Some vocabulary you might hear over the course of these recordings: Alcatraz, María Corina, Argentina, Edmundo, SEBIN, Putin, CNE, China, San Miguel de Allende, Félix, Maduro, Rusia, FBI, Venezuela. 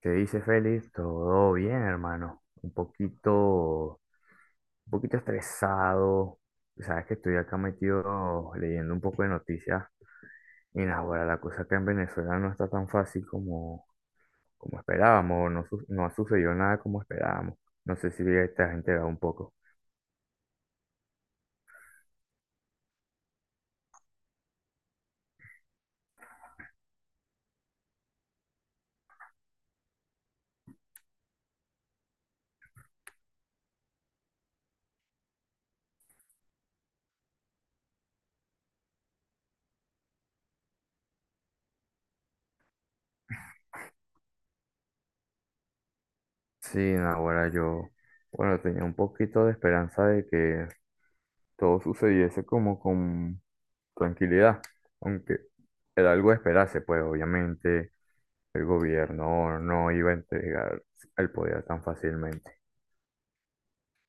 ¿Qué dice Félix? Todo bien, hermano. Un poquito estresado. Sabes que estoy acá metido leyendo un poco de noticias. Y nada, bueno la cosa acá en Venezuela no está tan fácil como esperábamos. No, no ha sucedido nada como esperábamos. No sé si te has enterado un poco. Sí, nada bueno yo, bueno, tenía un poquito de esperanza de que todo sucediese como con tranquilidad, aunque era algo de esperarse, pues obviamente el gobierno no iba a entregar el poder tan fácilmente.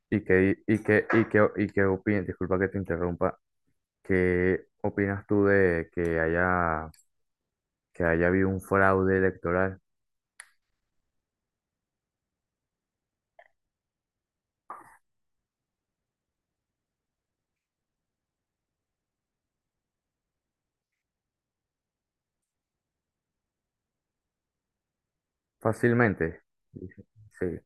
¿Y qué, y qué, y qué, y qué opinas? Disculpa que te interrumpa. ¿Qué opinas tú de que haya habido un fraude electoral fácilmente? Sí.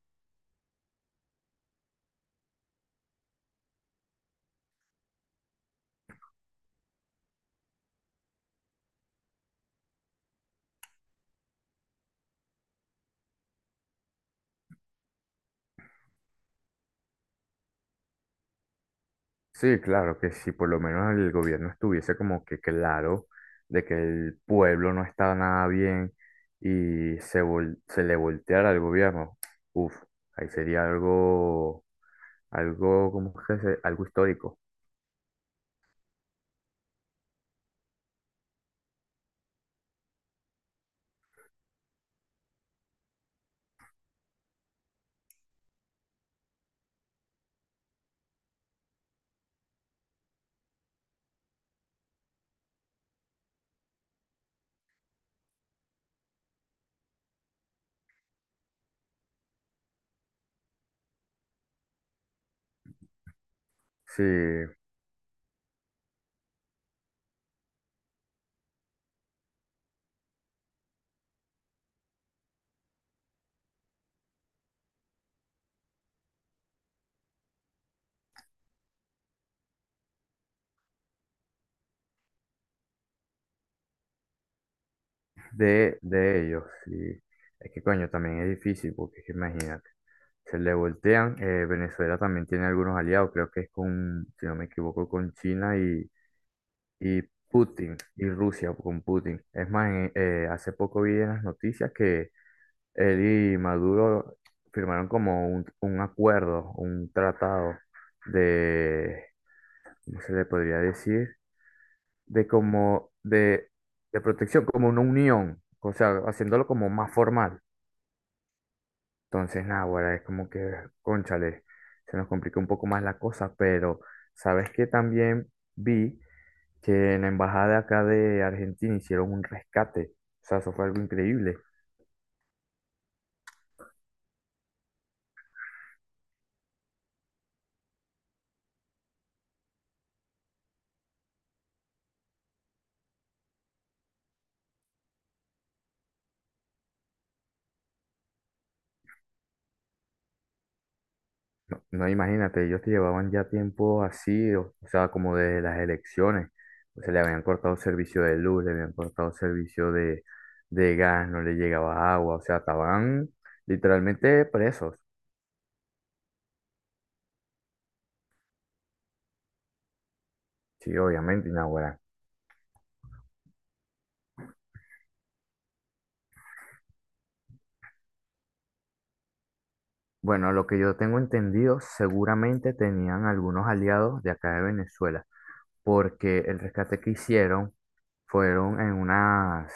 Sí, claro que si por lo menos el gobierno estuviese como que claro de que el pueblo no está nada bien y se le volteara al gobierno, uff, ahí sería ¿cómo es Algo histórico. Sí, de ellos, sí. Es que coño, también es difícil porque es que imagínate, se le voltean, Venezuela también tiene algunos aliados, creo que es con, si no me equivoco, con China y Putin, y Rusia con Putin. Es más, hace poco vi en las noticias que él y Maduro firmaron como un acuerdo, un tratado de, ¿cómo se le podría decir? De como, de, de protección, como una unión, o sea, haciéndolo como más formal. Entonces, nada, ahora es como que, cónchale, se nos complica un poco más la cosa, pero sabes que también vi que en la embajada acá de Argentina hicieron un rescate. O sea, eso fue algo increíble. No, no, imagínate, ellos te llevaban ya tiempo así, o sea, como de las elecciones. O sea, le habían cortado servicio de luz, le habían cortado servicio de gas, no le llegaba agua, o sea, estaban literalmente presos. Sí, obviamente, Inaugurán. Bueno, lo que yo tengo entendido, seguramente tenían algunos aliados de acá de Venezuela, porque el rescate que hicieron fueron en unas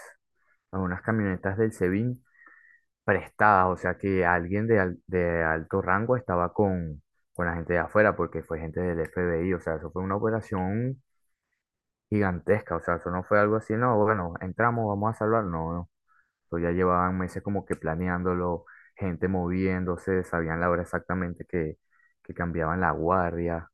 unas camionetas del SEBIN prestadas, o sea que alguien de alto rango estaba con la gente de afuera, porque fue gente del FBI, o sea, eso fue una operación gigantesca, o sea, eso no fue algo así, no, bueno, entramos, vamos a salvar, no, no, eso ya llevaban meses como que planeándolo, gente moviéndose, sabían la hora exactamente que cambiaban la guardia.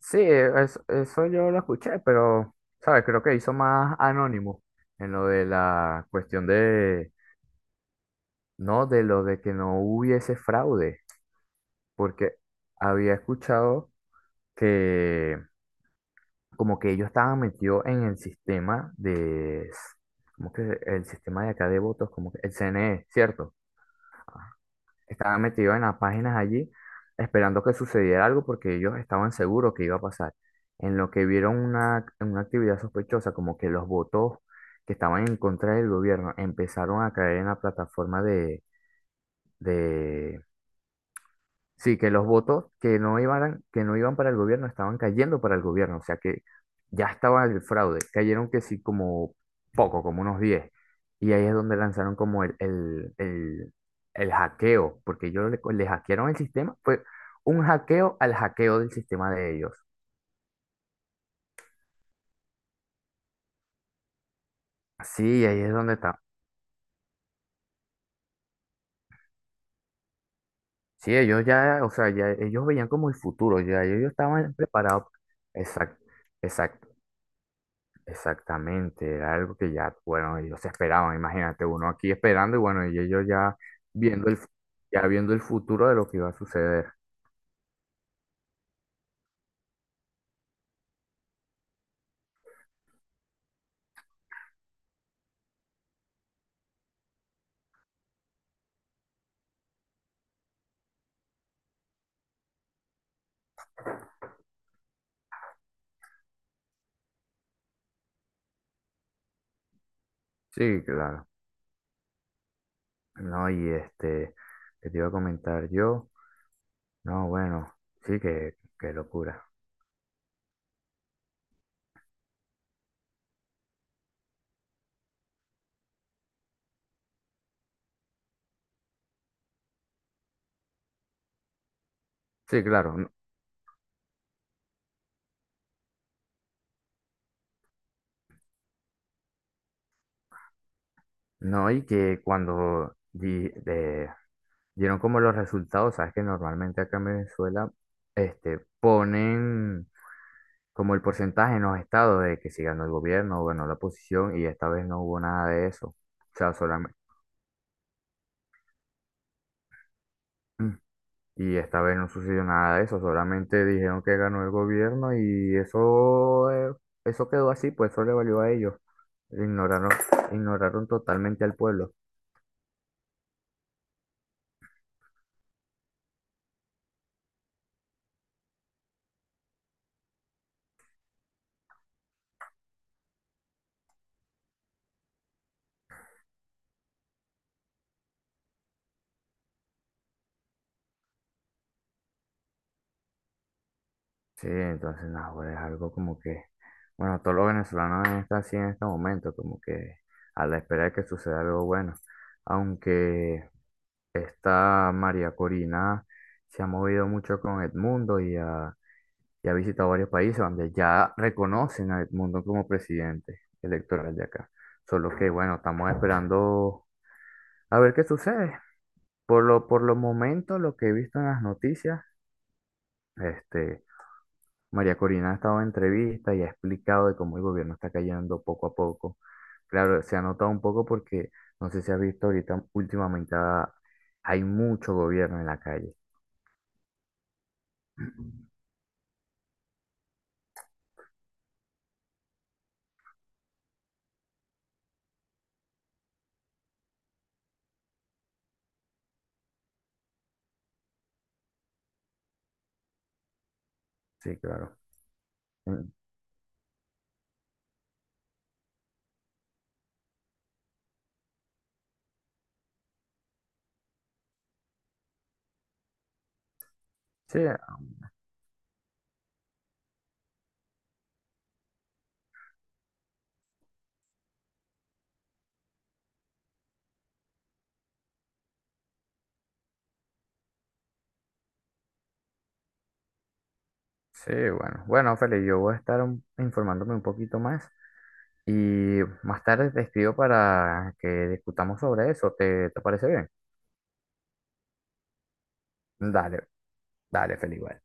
Sí, eso yo lo escuché, pero, ¿sabes? Creo que hizo más anónimo en lo de la cuestión de no, de lo de que no hubiese fraude, porque había escuchado que como que ellos estaban metidos en el sistema de, como que el sistema de acá de votos, como que el CNE, ¿cierto? Estaban metidos en las páginas allí esperando que sucediera algo porque ellos estaban seguros que iba a pasar. En lo que vieron una actividad sospechosa, como que los votos que estaban en contra del gobierno empezaron a caer en la plataforma de sí, que los votos que no iban para el gobierno estaban cayendo para el gobierno, o sea que ya estaba el fraude, cayeron que sí como poco, como unos 10. Y ahí es donde lanzaron como el hackeo, porque ellos le hackearon el sistema, fue un hackeo al hackeo del sistema de ellos. Sí, ahí es donde está. Sí, ellos ya, o sea, ya ellos veían como el futuro, ya ellos estaban preparados. Exacto, exactamente, era algo que ya, bueno, ellos esperaban, imagínate, uno aquí esperando y bueno, y ellos ya viendo ya viendo el futuro de lo que iba a suceder. Sí, claro. No, y este, que te iba a comentar yo, no, bueno, sí, que, qué locura. Sí, claro, no, y que cuando dieron como los resultados, sabes que normalmente acá en Venezuela, este, ponen como el porcentaje en los estados de que si ganó el gobierno o ganó la oposición y esta vez no hubo nada de eso. O sea, solamente... Y esta vez no sucedió nada de eso, solamente dijeron que ganó el gobierno y eso, eso quedó así, pues eso le valió a ellos. Ignoraron, ignoraron totalmente al pueblo. Sí, entonces, no, pues, es algo como que, bueno, todos los venezolanos están así en este momento, como que a la espera de que suceda algo bueno. Aunque esta María Corina se ha movido mucho con Edmundo y ha visitado varios países donde ya reconocen a Edmundo como presidente electoral de acá. Solo que, bueno, estamos esperando a ver qué sucede. Por lo momento, lo que he visto en las noticias, este, María Corina ha estado en entrevistas y ha explicado de cómo el gobierno está cayendo poco a poco. Claro, se ha notado un poco porque no sé si has visto ahorita últimamente hay mucho gobierno en la calle. Sí, claro. Mm, sí, sí, bueno. Bueno, Feli, yo voy a estar informándome un poquito más y más tarde te escribo para que discutamos sobre eso. ¿Te, te parece bien? Dale, dale, Feli, vale.